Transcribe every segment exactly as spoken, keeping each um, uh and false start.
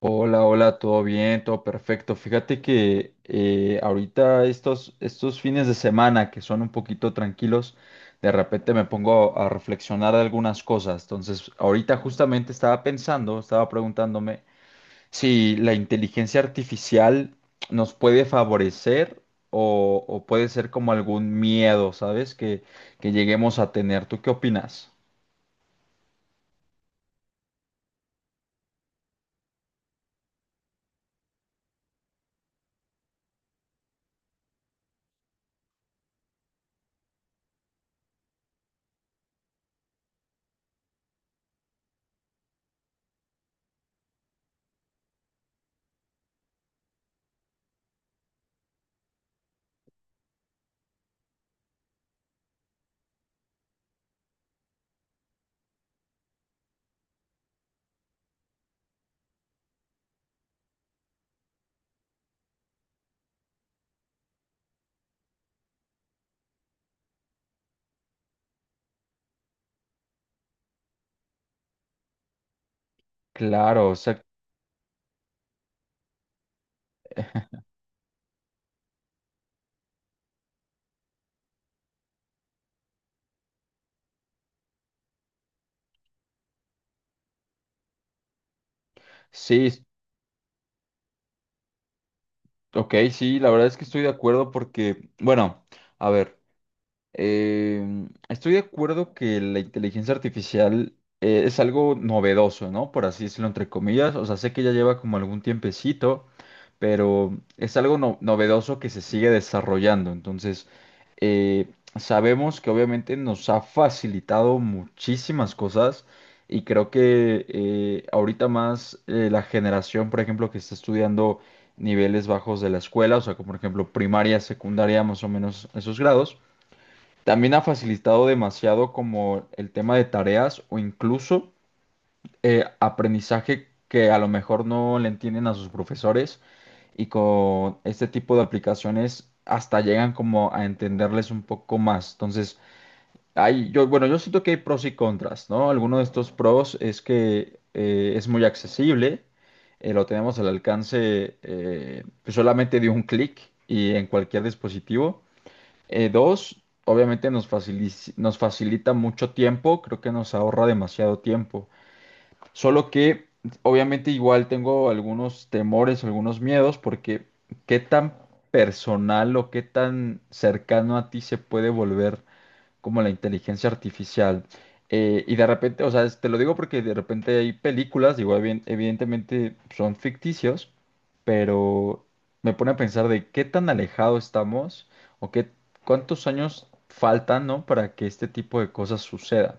Hola, hola, todo bien, todo perfecto. Fíjate que eh, ahorita estos, estos fines de semana que son un poquito tranquilos, de repente me pongo a, a reflexionar de algunas cosas. Entonces, ahorita justamente estaba pensando, estaba preguntándome si la inteligencia artificial nos puede favorecer o, o puede ser como algún miedo, ¿sabes? Que, que lleguemos a tener. ¿Tú qué opinas? Claro, o sea, sí. Ok, sí, la verdad es que estoy de acuerdo porque, bueno, a ver, em, estoy de acuerdo que la inteligencia artificial eh, es algo novedoso, ¿no? Por así decirlo, entre comillas. O sea, sé que ya lleva como algún tiempecito, pero es algo no- novedoso que se sigue desarrollando. Entonces, eh, sabemos que obviamente nos ha facilitado muchísimas cosas y creo que eh, ahorita más eh, la generación, por ejemplo, que está estudiando niveles bajos de la escuela, o sea, como por ejemplo primaria, secundaria, más o menos esos grados, también ha facilitado demasiado como el tema de tareas o incluso eh, aprendizaje que a lo mejor no le entienden a sus profesores y con este tipo de aplicaciones hasta llegan como a entenderles un poco más. Entonces, hay, yo, bueno, yo siento que hay pros y contras, ¿no? Alguno de estos pros es que eh, es muy accesible, eh, lo tenemos al alcance eh, pues solamente de un clic y en cualquier dispositivo. Eh, dos, obviamente nos facili- nos facilita mucho tiempo, creo que nos ahorra demasiado tiempo. Solo que obviamente igual tengo algunos temores, algunos miedos, porque qué tan personal o qué tan cercano a ti se puede volver como la inteligencia artificial. Eh, y de repente, o sea, es- te lo digo porque de repente hay películas, digo, evi- evidentemente son ficticios, pero me pone a pensar de qué tan alejado estamos o qué cuántos años faltan, ¿no? Para que este tipo de cosas sucedan.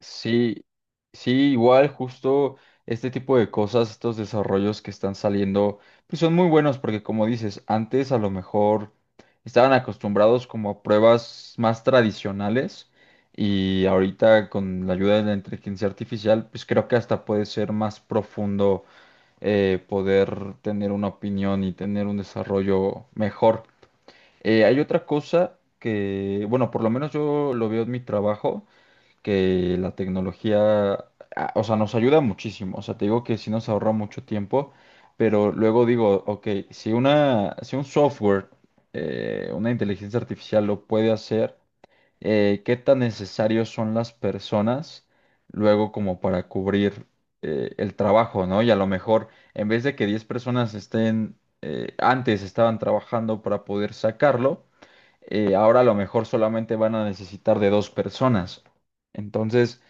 Sí, sí, igual justo este tipo de cosas, estos desarrollos que están saliendo, pues son muy buenos porque como dices, antes a lo mejor estaban acostumbrados como a pruebas más tradicionales y ahorita con la ayuda de la inteligencia artificial, pues creo que hasta puede ser más profundo, eh, poder tener una opinión y tener un desarrollo mejor. Eh, hay otra cosa que, bueno, por lo menos yo lo veo en mi trabajo que la tecnología, ah, o sea, nos ayuda muchísimo. O sea, te digo que sí nos ahorra mucho tiempo, pero luego digo, ok, si una, si un software, eh, una inteligencia artificial lo puede hacer, eh, ¿qué tan necesarios son las personas luego como para cubrir eh, el trabajo, ¿no? Y a lo mejor, en vez de que diez personas estén, eh, antes estaban trabajando para poder sacarlo, eh, ahora a lo mejor solamente van a necesitar de dos personas. Entonces,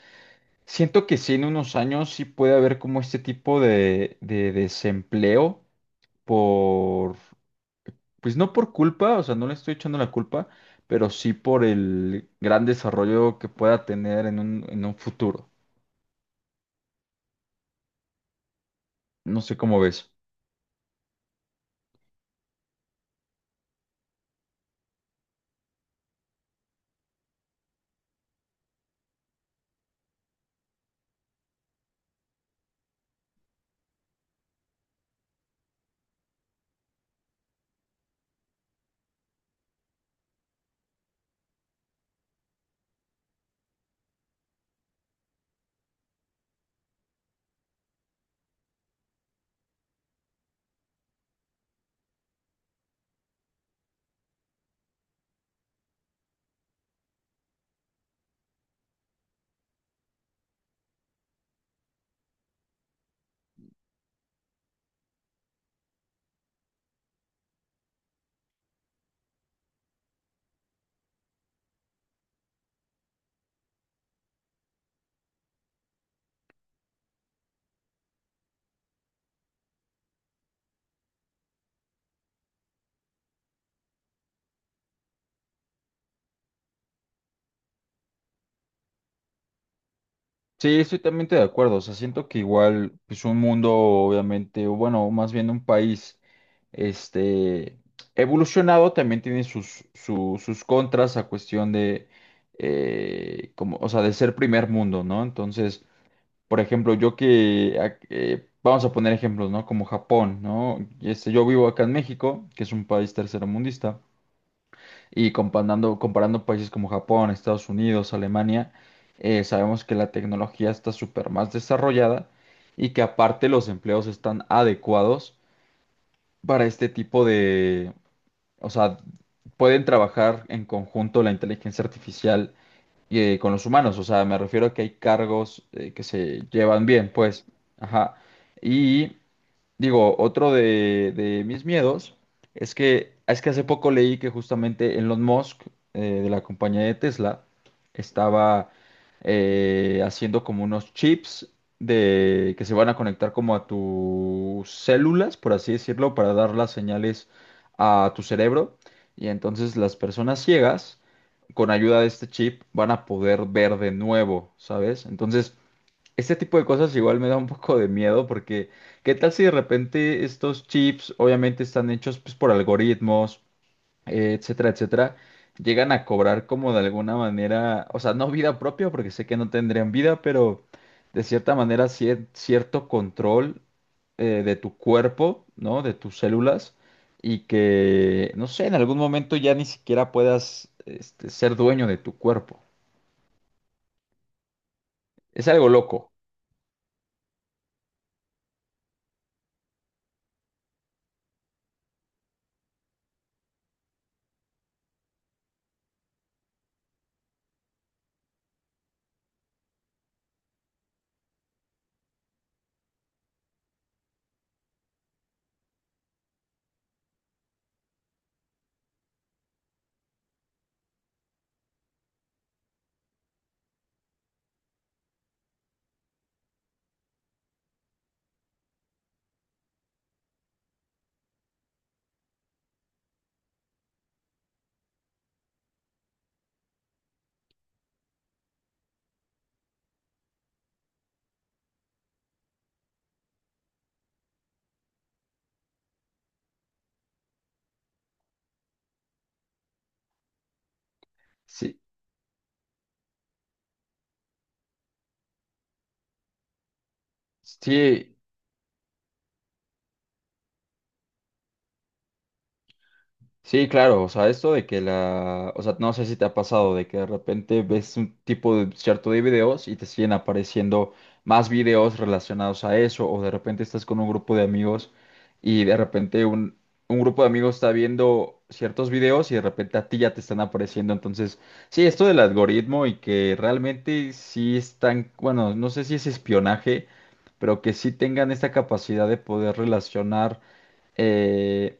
siento que sí, en unos años sí puede haber como este tipo de, de desempleo por, pues no por culpa, o sea, no le estoy echando la culpa, pero sí por el gran desarrollo que pueda tener en un, en un futuro. No sé cómo ves. Sí, estoy totalmente de acuerdo. O sea, siento que igual, pues un mundo, obviamente, o bueno, más bien un país este, evolucionado también tiene sus, su- sus contras a cuestión de, eh, como, o sea, de ser primer mundo, ¿no? Entonces, por ejemplo, yo que, a- eh, vamos a poner ejemplos, ¿no? Como Japón, ¿no? Y este, yo vivo acá en México, que es un país tercermundista, y comparando, comparando países como Japón, Estados Unidos, Alemania, eh, sabemos que la tecnología está súper más desarrollada y que aparte los empleos están adecuados para este tipo, o sea, pueden trabajar en conjunto la inteligencia artificial eh, con los humanos. O sea, me refiero a que hay cargos eh, que se llevan bien, pues. Ajá. Y digo, otro de, de mis miedos es que, es que hace poco leí que justamente Elon Musk, eh, de la compañía de Tesla, estaba eh, haciendo como unos chips de, que se van a conectar como a tus células, por así decirlo, para dar las señales a tu cerebro. Y entonces las personas ciegas, con ayuda de este chip, van a poder ver de nuevo, ¿sabes? Entonces... Este tipo de cosas igual me da un poco de miedo porque ¿qué tal si de repente estos chips obviamente están hechos pues, por algoritmos, eh, etcétera, etcétera, llegan a cobrar como de alguna manera, o sea, no vida propia porque sé que no tendrían vida, pero de cierta manera cier- cierto control eh, de tu cuerpo, ¿no? De tus células y que, no sé, en algún momento ya ni siquiera puedas este, ser dueño de tu cuerpo. Es algo loco. Sí, sí, sí, claro, o sea, esto de que la, o sea, no sé si te ha pasado de que de repente ves un tipo de cierto de videos y te siguen apareciendo más videos relacionados a eso, o de repente estás con un grupo de amigos y de repente un, un grupo de amigos está viendo ciertos videos y de repente a ti ya te están apareciendo. Entonces, sí, esto del algoritmo y que realmente sí están, bueno, no sé si es espionaje, pero que sí tengan esta capacidad de poder relacionar, eh,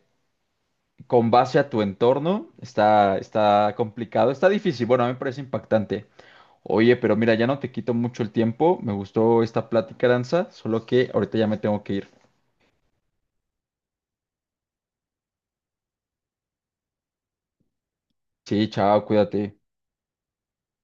con base a tu entorno, está, está complicado, está difícil. Bueno, a mí me parece impactante. Oye, pero mira, ya no te quito mucho el tiempo. Me gustó esta plática, Danza, solo que ahorita ya me tengo que ir. Sí, chao, cuídate.